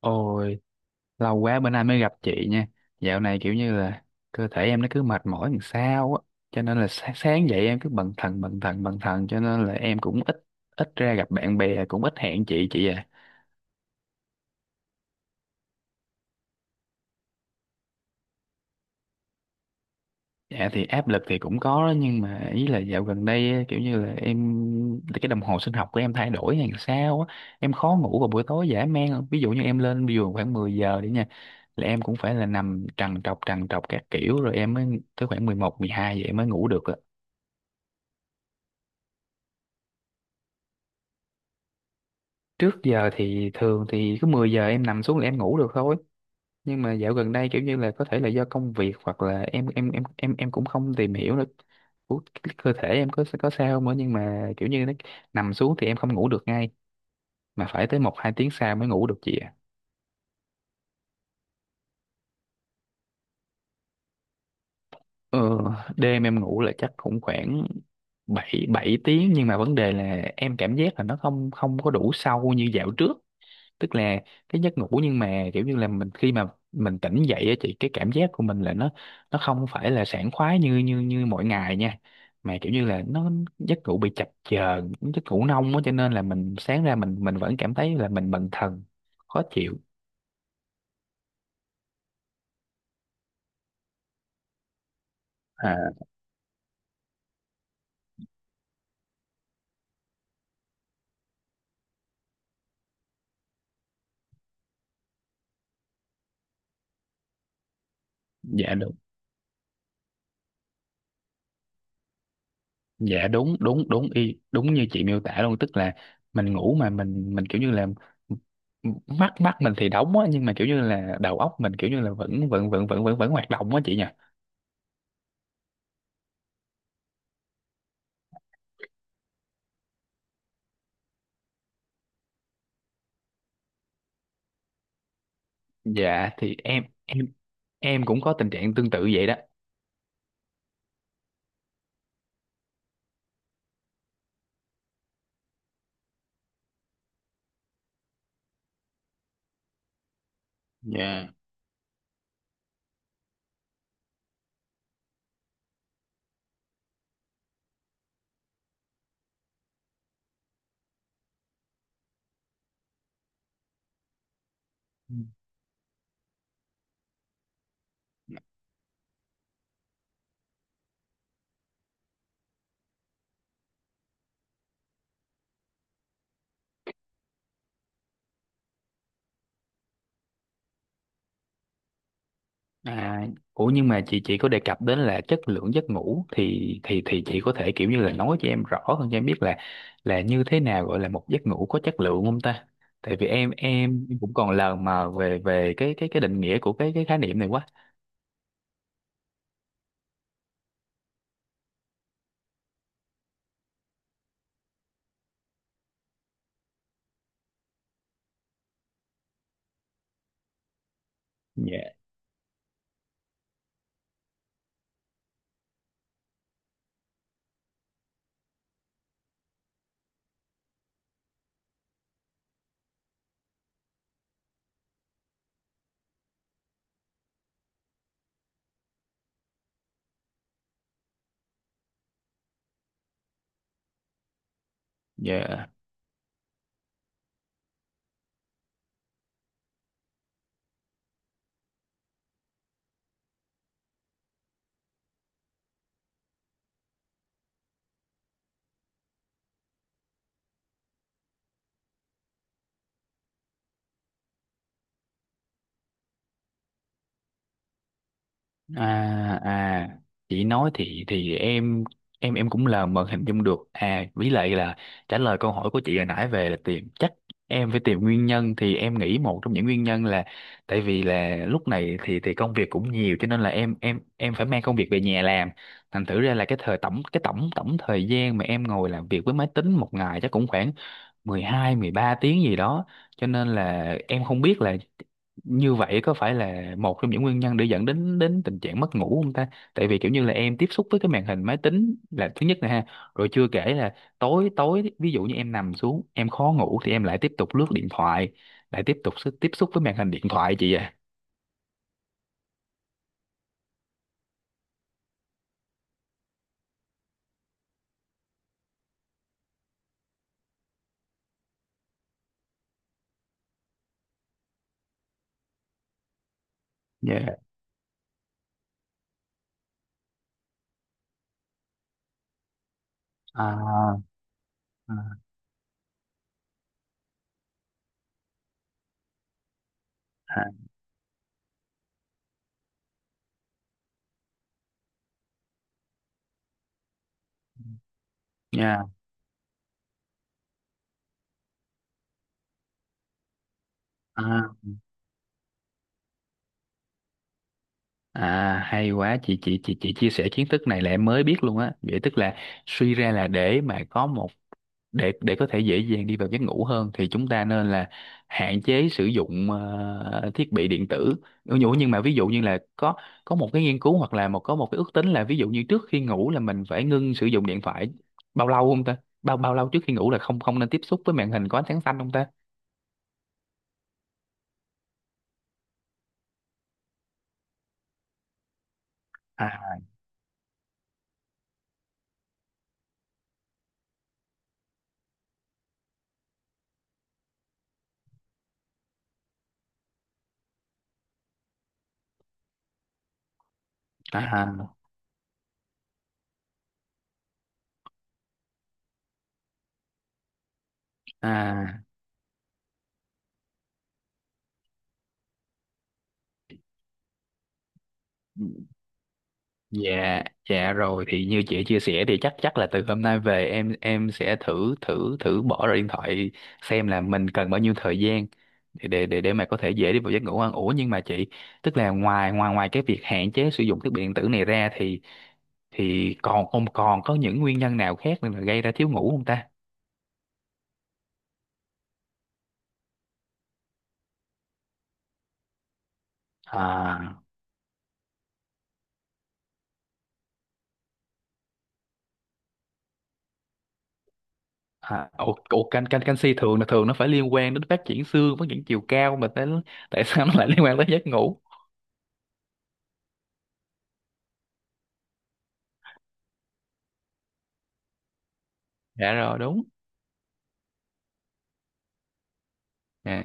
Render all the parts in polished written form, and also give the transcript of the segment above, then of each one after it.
Ôi, lâu quá bữa nay mới gặp chị nha. Dạo này kiểu như là cơ thể em nó cứ mệt mỏi làm sao á. Cho nên là sáng dậy em cứ bần thần cho nên là em cũng ít ít ra gặp bạn bè cũng ít hẹn chị à. Dạ thì áp lực thì cũng có đó, nhưng mà ý là dạo gần đây á, kiểu như là em cái đồng hồ sinh học của em thay đổi hay làm sao á. Em khó ngủ vào buổi tối dã man. Ví dụ như em lên giường khoảng 10 giờ đi nha, là em cũng phải là nằm trằn trọc các kiểu rồi em mới tới khoảng 11 12 vậy mới ngủ được. Trước giờ thì thường thì cứ 10 giờ em nằm xuống là em ngủ được thôi. Nhưng mà dạo gần đây kiểu như là có thể là do công việc, hoặc là em cũng không tìm hiểu được của cái cơ thể em có sao không nữa, nhưng mà kiểu như nó nằm xuống thì em không ngủ được ngay, mà phải tới một hai tiếng sau mới ngủ được chị ạ. Ờ, Đêm em ngủ là chắc cũng khoảng bảy bảy tiếng, nhưng mà vấn đề là em cảm giác là nó không không có đủ sâu như dạo trước. Tức là cái giấc ngủ, nhưng mà kiểu như là mình khi mà mình tỉnh dậy á chị, cái cảm giác của mình là nó không phải là sảng khoái như như như mọi ngày nha, mà kiểu như là nó giấc ngủ bị chập chờn, giấc ngủ nông á, cho nên là mình sáng ra mình vẫn cảm thấy là mình bần thần, khó chịu. À, dạ đúng. Dạ đúng, đúng y đúng như chị miêu tả luôn, tức là mình ngủ mà mình kiểu như là mắt mắt mình thì đóng á, nhưng mà kiểu như là đầu óc mình kiểu như là vẫn vẫn vẫn vẫn vẫn vẫn hoạt động á chị nhỉ. Dạ thì em em em cũng có tình trạng tương tự vậy đó. Dạ. Ừ. À, ủa nhưng mà chị có đề cập đến là chất lượng giấc ngủ, thì thì chị có thể kiểu như là nói cho em rõ hơn, cho em biết là như thế nào gọi là một giấc ngủ có chất lượng không ta? Tại vì em cũng còn lờ mờ về về cái cái định nghĩa của cái khái niệm này quá. Dạ. Dạ. À à, chị nói thì em em cũng là mờ hình dung được, à với lại là trả lời câu hỏi của chị hồi nãy về là tìm, chắc em phải tìm nguyên nhân, thì em nghĩ một trong những nguyên nhân là tại vì là lúc này thì công việc cũng nhiều, cho nên là em phải mang công việc về nhà làm, thành thử ra là cái thời tổng cái tổng tổng thời gian mà em ngồi làm việc với máy tính một ngày chắc cũng khoảng 12 13 tiếng gì đó. Cho nên là em không biết là như vậy có phải là một trong những nguyên nhân để dẫn đến đến tình trạng mất ngủ không ta? Tại vì kiểu như là em tiếp xúc với cái màn hình máy tính là thứ nhất nè ha, rồi chưa kể là tối tối ví dụ như em nằm xuống em khó ngủ thì em lại tiếp tục lướt điện thoại, lại tiếp tục tiếp xúc với màn hình điện thoại chị ạ. Yeah. À, à, à, yeah. à, Hay quá chị, chị chia sẻ kiến thức này là em mới biết luôn á. Vậy tức là suy ra là để có thể dễ dàng đi vào giấc ngủ hơn thì chúng ta nên là hạn chế sử dụng thiết bị điện tử. Ừ, nhưng mà ví dụ như là có một cái nghiên cứu, hoặc là có một cái ước tính là, ví dụ như trước khi ngủ là mình phải ngưng sử dụng điện thoại bao lâu không ta? Bao bao lâu trước khi ngủ là không không nên tiếp xúc với màn hình có ánh sáng xanh không ta? À. À. À. Dạ, dạ rồi thì như chị chia sẻ thì chắc chắc là từ hôm nay về em sẽ thử thử thử bỏ ra điện thoại, xem là mình cần bao nhiêu thời gian để mà có thể dễ đi vào giấc ngủ hơn. Ủa nhưng mà chị, tức là ngoài ngoài ngoài cái việc hạn chế sử dụng thiết bị điện tử này ra thì còn còn có những nguyên nhân nào khác nữa là gây ra thiếu ngủ không ta? À à. Ủa, canxi thường là thường nó phải liên quan đến phát triển xương, phát triển chiều cao mà, tại tại sao nó lại liên quan tới giấc ngủ? Dạ, rồi đúng. Dạ.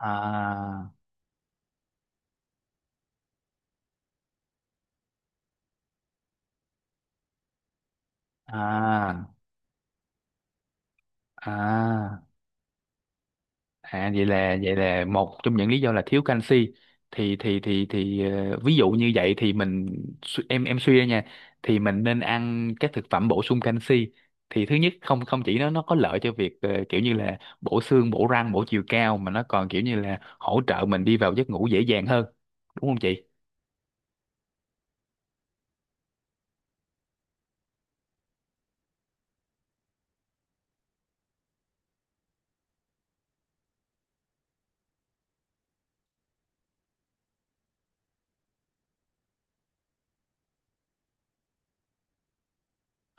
À à à. À vậy là, vậy là một trong những lý do là thiếu canxi, thì thì ờ, ví dụ như vậy thì mình, em suy ra nha, thì mình nên ăn các thực phẩm bổ sung canxi, thì thứ nhất không không chỉ nó có lợi cho việc ờ, kiểu như là bổ xương, bổ răng, bổ chiều cao, mà nó còn kiểu như là hỗ trợ mình đi vào giấc ngủ dễ dàng hơn, đúng không chị?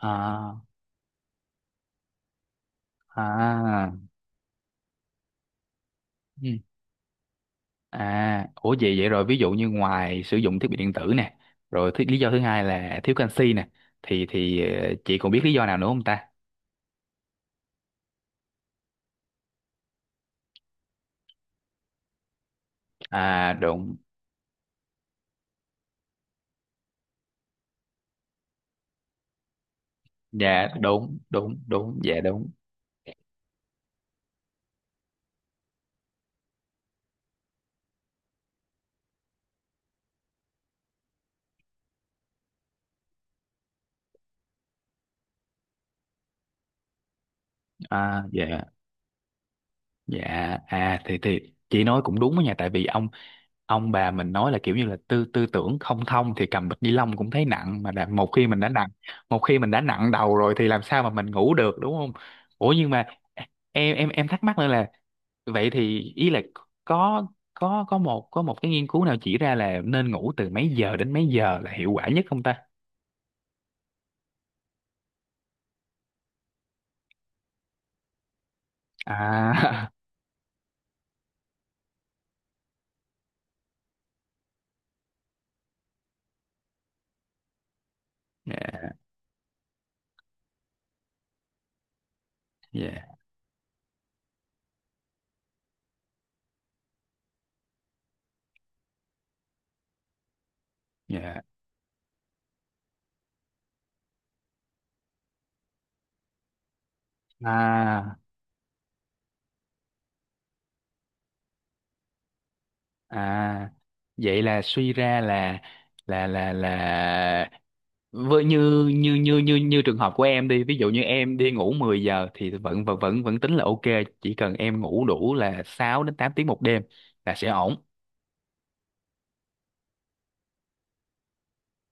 À. À. À, ủa vậy, vậy rồi ví dụ như ngoài sử dụng thiết bị điện tử nè, rồi thứ, lý do thứ hai là thiếu canxi nè, thì ờ, chị còn biết lý do nào nữa không ta? À đúng, dạ đúng, đúng, đúng, dạ đúng. À dạ, dạ. À thì chị nói cũng đúng đó nha, tại vì ông bà mình nói là kiểu như là tư tư tưởng không thông thì cầm bịch ni lông cũng thấy nặng mà, đã, một khi mình đã nặng, đầu rồi thì làm sao mà mình ngủ được, đúng không? Ủa nhưng mà em thắc mắc nữa là, vậy thì ý là có có một cái nghiên cứu nào chỉ ra là nên ngủ từ mấy giờ đến mấy giờ là hiệu quả nhất không ta? À. yeah. Yeah. Yeah. À à, vậy là suy ra là, là là là với như như như như như trường hợp của em đi, ví dụ như em đi ngủ 10 giờ thì vẫn vẫn tính là ok, chỉ cần em ngủ đủ là 6 đến 8 tiếng một đêm là sẽ ổn.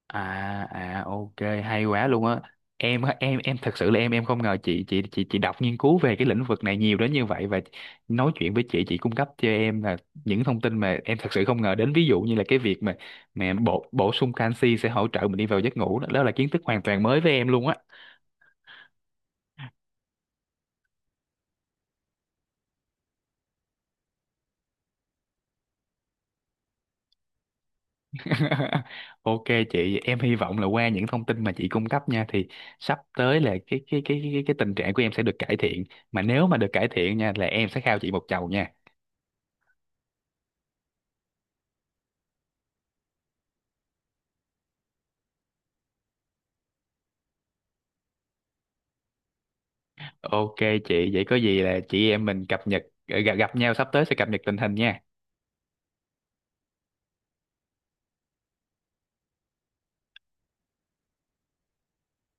À. À ok, hay quá luôn á. Em á, em thật sự là em không ngờ chị, chị đọc nghiên cứu về cái lĩnh vực này nhiều đến như vậy. Và nói chuyện với chị cung cấp cho em là những thông tin mà em thật sự không ngờ đến, ví dụ như là cái việc mà bổ bổ sung canxi sẽ hỗ trợ mình đi vào giấc ngủ đó, đó là kiến thức hoàn toàn mới với em luôn á. Ok chị, em hy vọng là qua những thông tin mà chị cung cấp nha thì sắp tới là cái tình trạng của em sẽ được cải thiện, mà nếu mà được cải thiện nha là em sẽ khao chị một chầu nha. Ok chị, vậy có gì là chị em mình cập nhật ờ, gặp gặp nhau sắp tới sẽ cập nhật tình hình nha.